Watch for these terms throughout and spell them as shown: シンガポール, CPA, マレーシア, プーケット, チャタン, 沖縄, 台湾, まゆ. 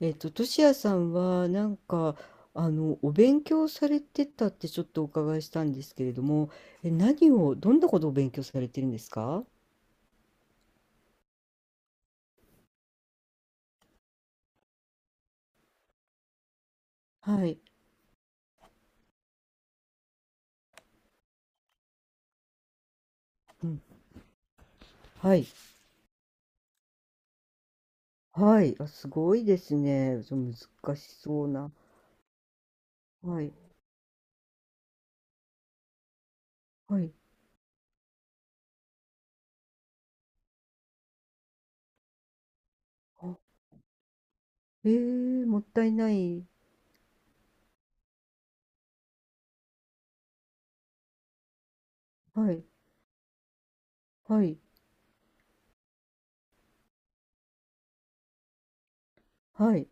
としやさんはなんかお勉強されてたってちょっとお伺いしたんですけれども、え、何をどんなことを勉強されてるんですか？はい、うん、はい、はい、あ、すごいですね。そう難しそうな。はい、はい、あ、もったいない。はい、はい、はい、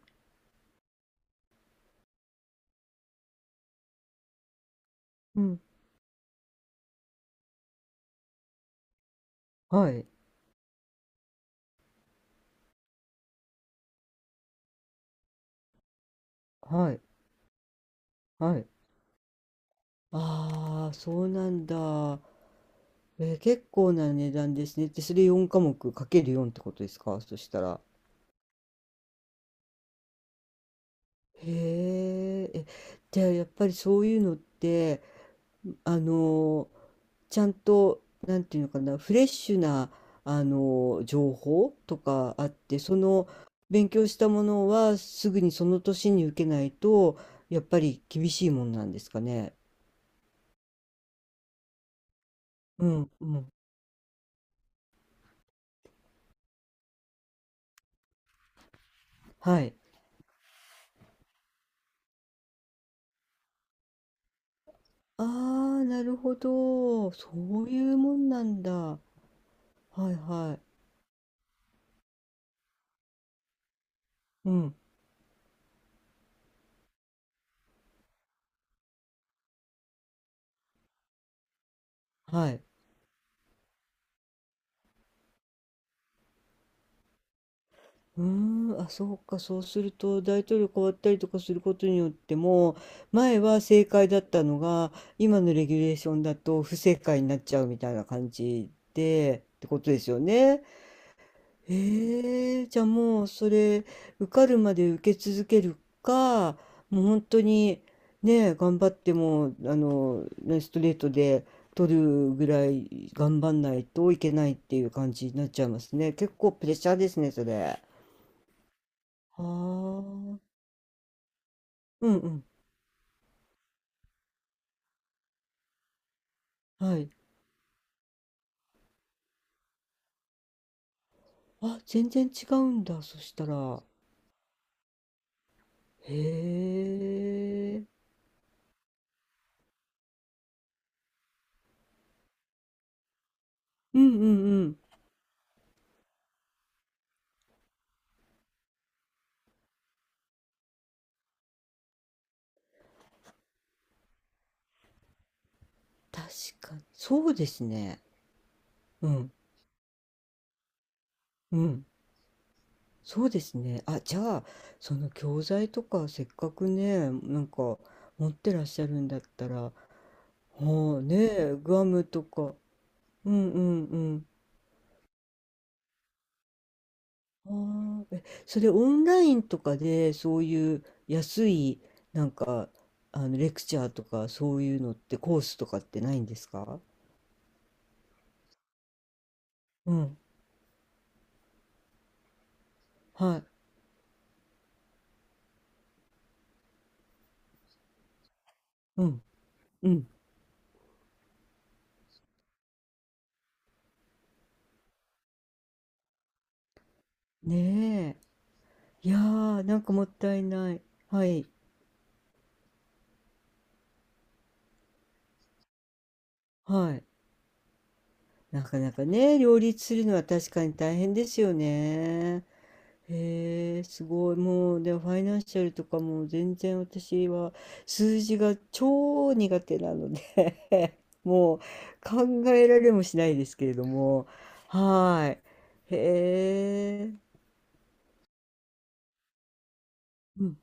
うん、はい、はい、はい。ああ、そうなんだ。結構な値段ですね。で、それ4科目かける4ってことですか？そしたら。へえ、じゃあやっぱりそういうのって、あの、ちゃんと、なんていうのかな、フレッシュな、情報とかあって、その勉強したものはすぐにその年に受けないと、やっぱり厳しいもんなんですかね。うん、うん。はい。ああ、なるほど。そういうもんなんだ。はいはい。うん、はい。うーん、あ、そうか、そうすると大統領変わったりとかすることによっても、前は正解だったのが、今のレギュレーションだと不正解になっちゃうみたいな感じで、ってことですよね。へえ、じゃあもうそれ、受かるまで受け続けるか、もう本当に、ね、頑張っても、ね、ストレートで取るぐらい頑張んないといけないっていう感じになっちゃいますね。結構プレッシャーですね、それ。ああ、うんうん。はい。あ、全然違うんだ、そしたら。へえ。うんうんうん。確かに。そうですね。うん。うん。そうですね。あ、じゃあ、その教材とか、せっかくね、なんか、持ってらっしゃるんだったら、はあ、ねえ、グアムとか。うんうん。ああ、え、それオンラインとかでそういう安いなんかレクチャーとかそういうのってコースとかってないんですか。うん、はい、うん、うん。ねえ。いやー、なんかもったいない。はい、はい。なかなかね、両立するのは確かに大変ですよね。へえ、すごい。もう、でもファイナンシャルとかも全然私は数字が超苦手なので もう考えられもしないですけれども。はーい。へえ。うん、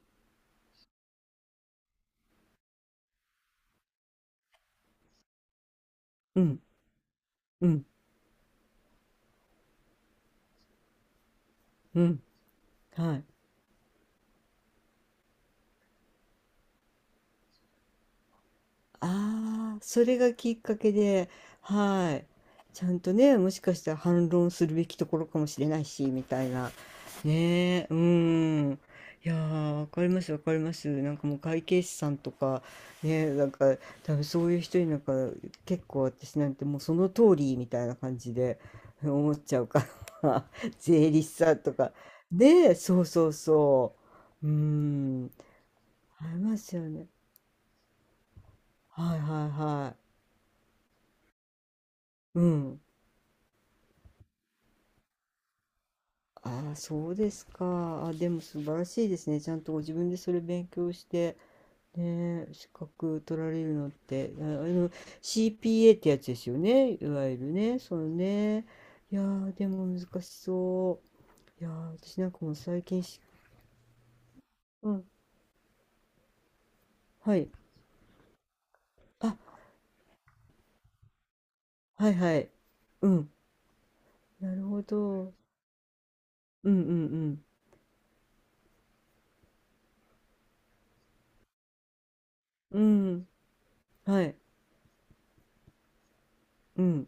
うん、うん、うん。はい。ああ、それがきっかけで、はい。ちゃんとね、もしかしたら反論するべきところかもしれないし、みたいな。ねえ、うん。いやー、わかります、わかります。なんかもう会計士さんとか、ね、なんか多分そういう人になんか結構私なんてもうその通りみたいな感じで思っちゃうから、税理士さんとか。ねえ、そうそうそう。うん。ありますよね。はいはいはい。うん。ああ、そうですか。あ、でも素晴らしいですね。ちゃんとご自分でそれ勉強して、ねえ、資格取られるのって、あ、CPA ってやつですよね。いわゆるね、そのね。いやー、でも難しそう。いやー、私なんかもう最近し、うん、はい。あ、はいはい。うん。なるほど。うんうんうん。うん。はい。うん。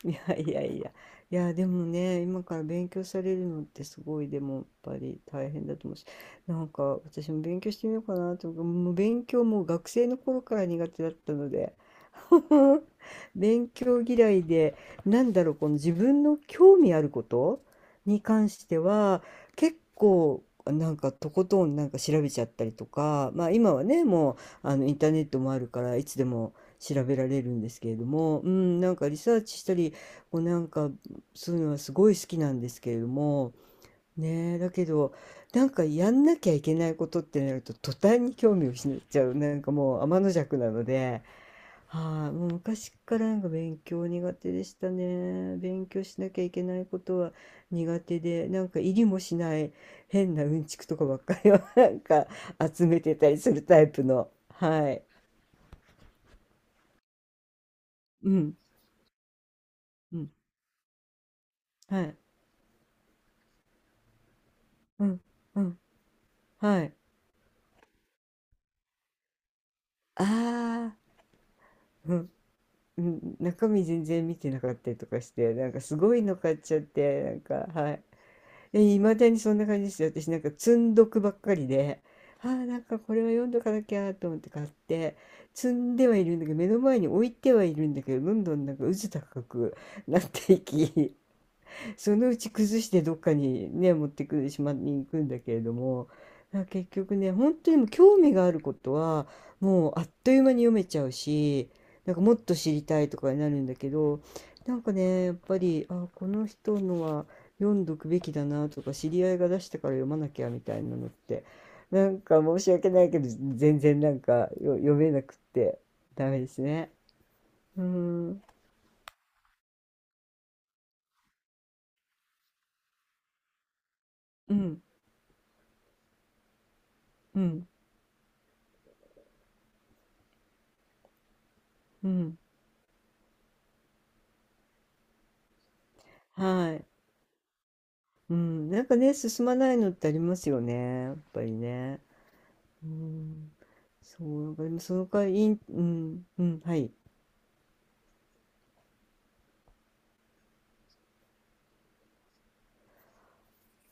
いやいやいや。いや、でもね、今から勉強されるのってすごい、でもやっぱり大変だと思うし、なんか私も勉強してみようかなと思う、もう勉強も学生の頃から苦手だったので、勉強嫌いで、なんだろう、この自分の興味あることに関しては、結構、なんかとことんなんか調べちゃったりとか、まあ今はね、もうインターネットもあるから、いつでも調べられるんですけれども、うん、なんかリサーチしたり、こうなんかそういうのはすごい好きなんですけれども、ねえ、だけど、なんかやんなきゃいけないことってなると、途端に興味を失っちゃう、なんかもう天の弱なので。はい、もう昔からなんか勉強苦手でしたね。勉強しなきゃいけないことは苦手で、なんか入りもしない変なうんちくとかばっかりを なんか集めてたりするタイプの。はい。うん、うん、はい、うん、うん、はい。ああ、うん、うん、中身全然見てなかったりとかして、なんかすごいの買っちゃって、なんか、はい。いまだにそんな感じですよ。私なんか積んどくばっかりで、あーなんかこれは読んどかなきゃと思って買って、積んではいるんだけど、目の前に置いてはいるんだけど、どんどんなんか渦高くなっていき、そのうち崩してどっかにね持ってくる島に行くんだけれども、なんか結局ね本当にもう興味があることはもうあっという間に読めちゃうし、なんかもっと知りたいとかになるんだけど、なんかねやっぱりあこの人のは読んどくべきだなとか知り合いが出したから読まなきゃみたいなのってなんか申し訳ないけど全然なんかよ読めなくってダメですね。うーん、うん、うん、うん、はい。うん、なんかね、進まないのってありますよね、やっぱりね。うん、そう、なんかでもその代わり、いんうん、うん、はい。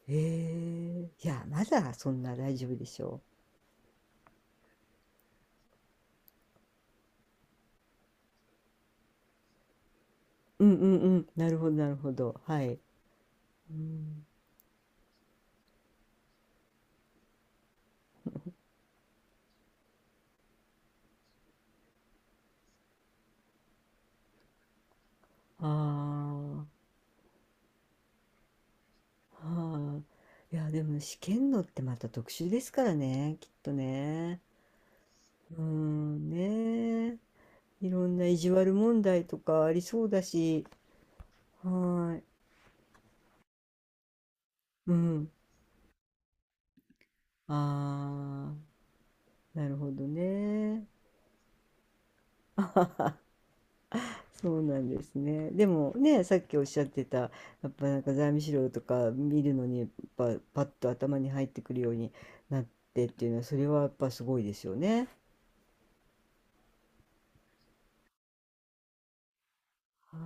へえ、いや、まだそんな大丈夫でしょう。うんうんうん、なるほど、なるほど、はい。うん、ああ、はあ。いや、でも試験のってまた特殊ですからね、きっとね。うん、ねえ、いろんな意地悪問題とかありそうだし、はーい。うん。ああ。なるほどね。あはは、そうなんですね。でもね、さっきおっしゃってた、やっぱなんか財務資料とか見るのに、やっぱパッと頭に入ってくるようになってっていうのは、それはやっぱすごいですよね。は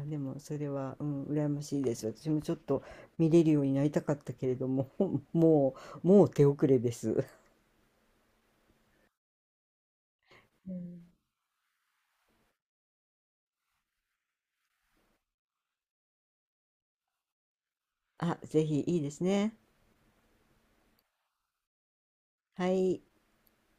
い、あ、でもそれは、うん、羨ましいです。私もちょっと見れるようになりたかったけれども、もう、もう手遅れです。うん、あ、ぜひいいですね。はい。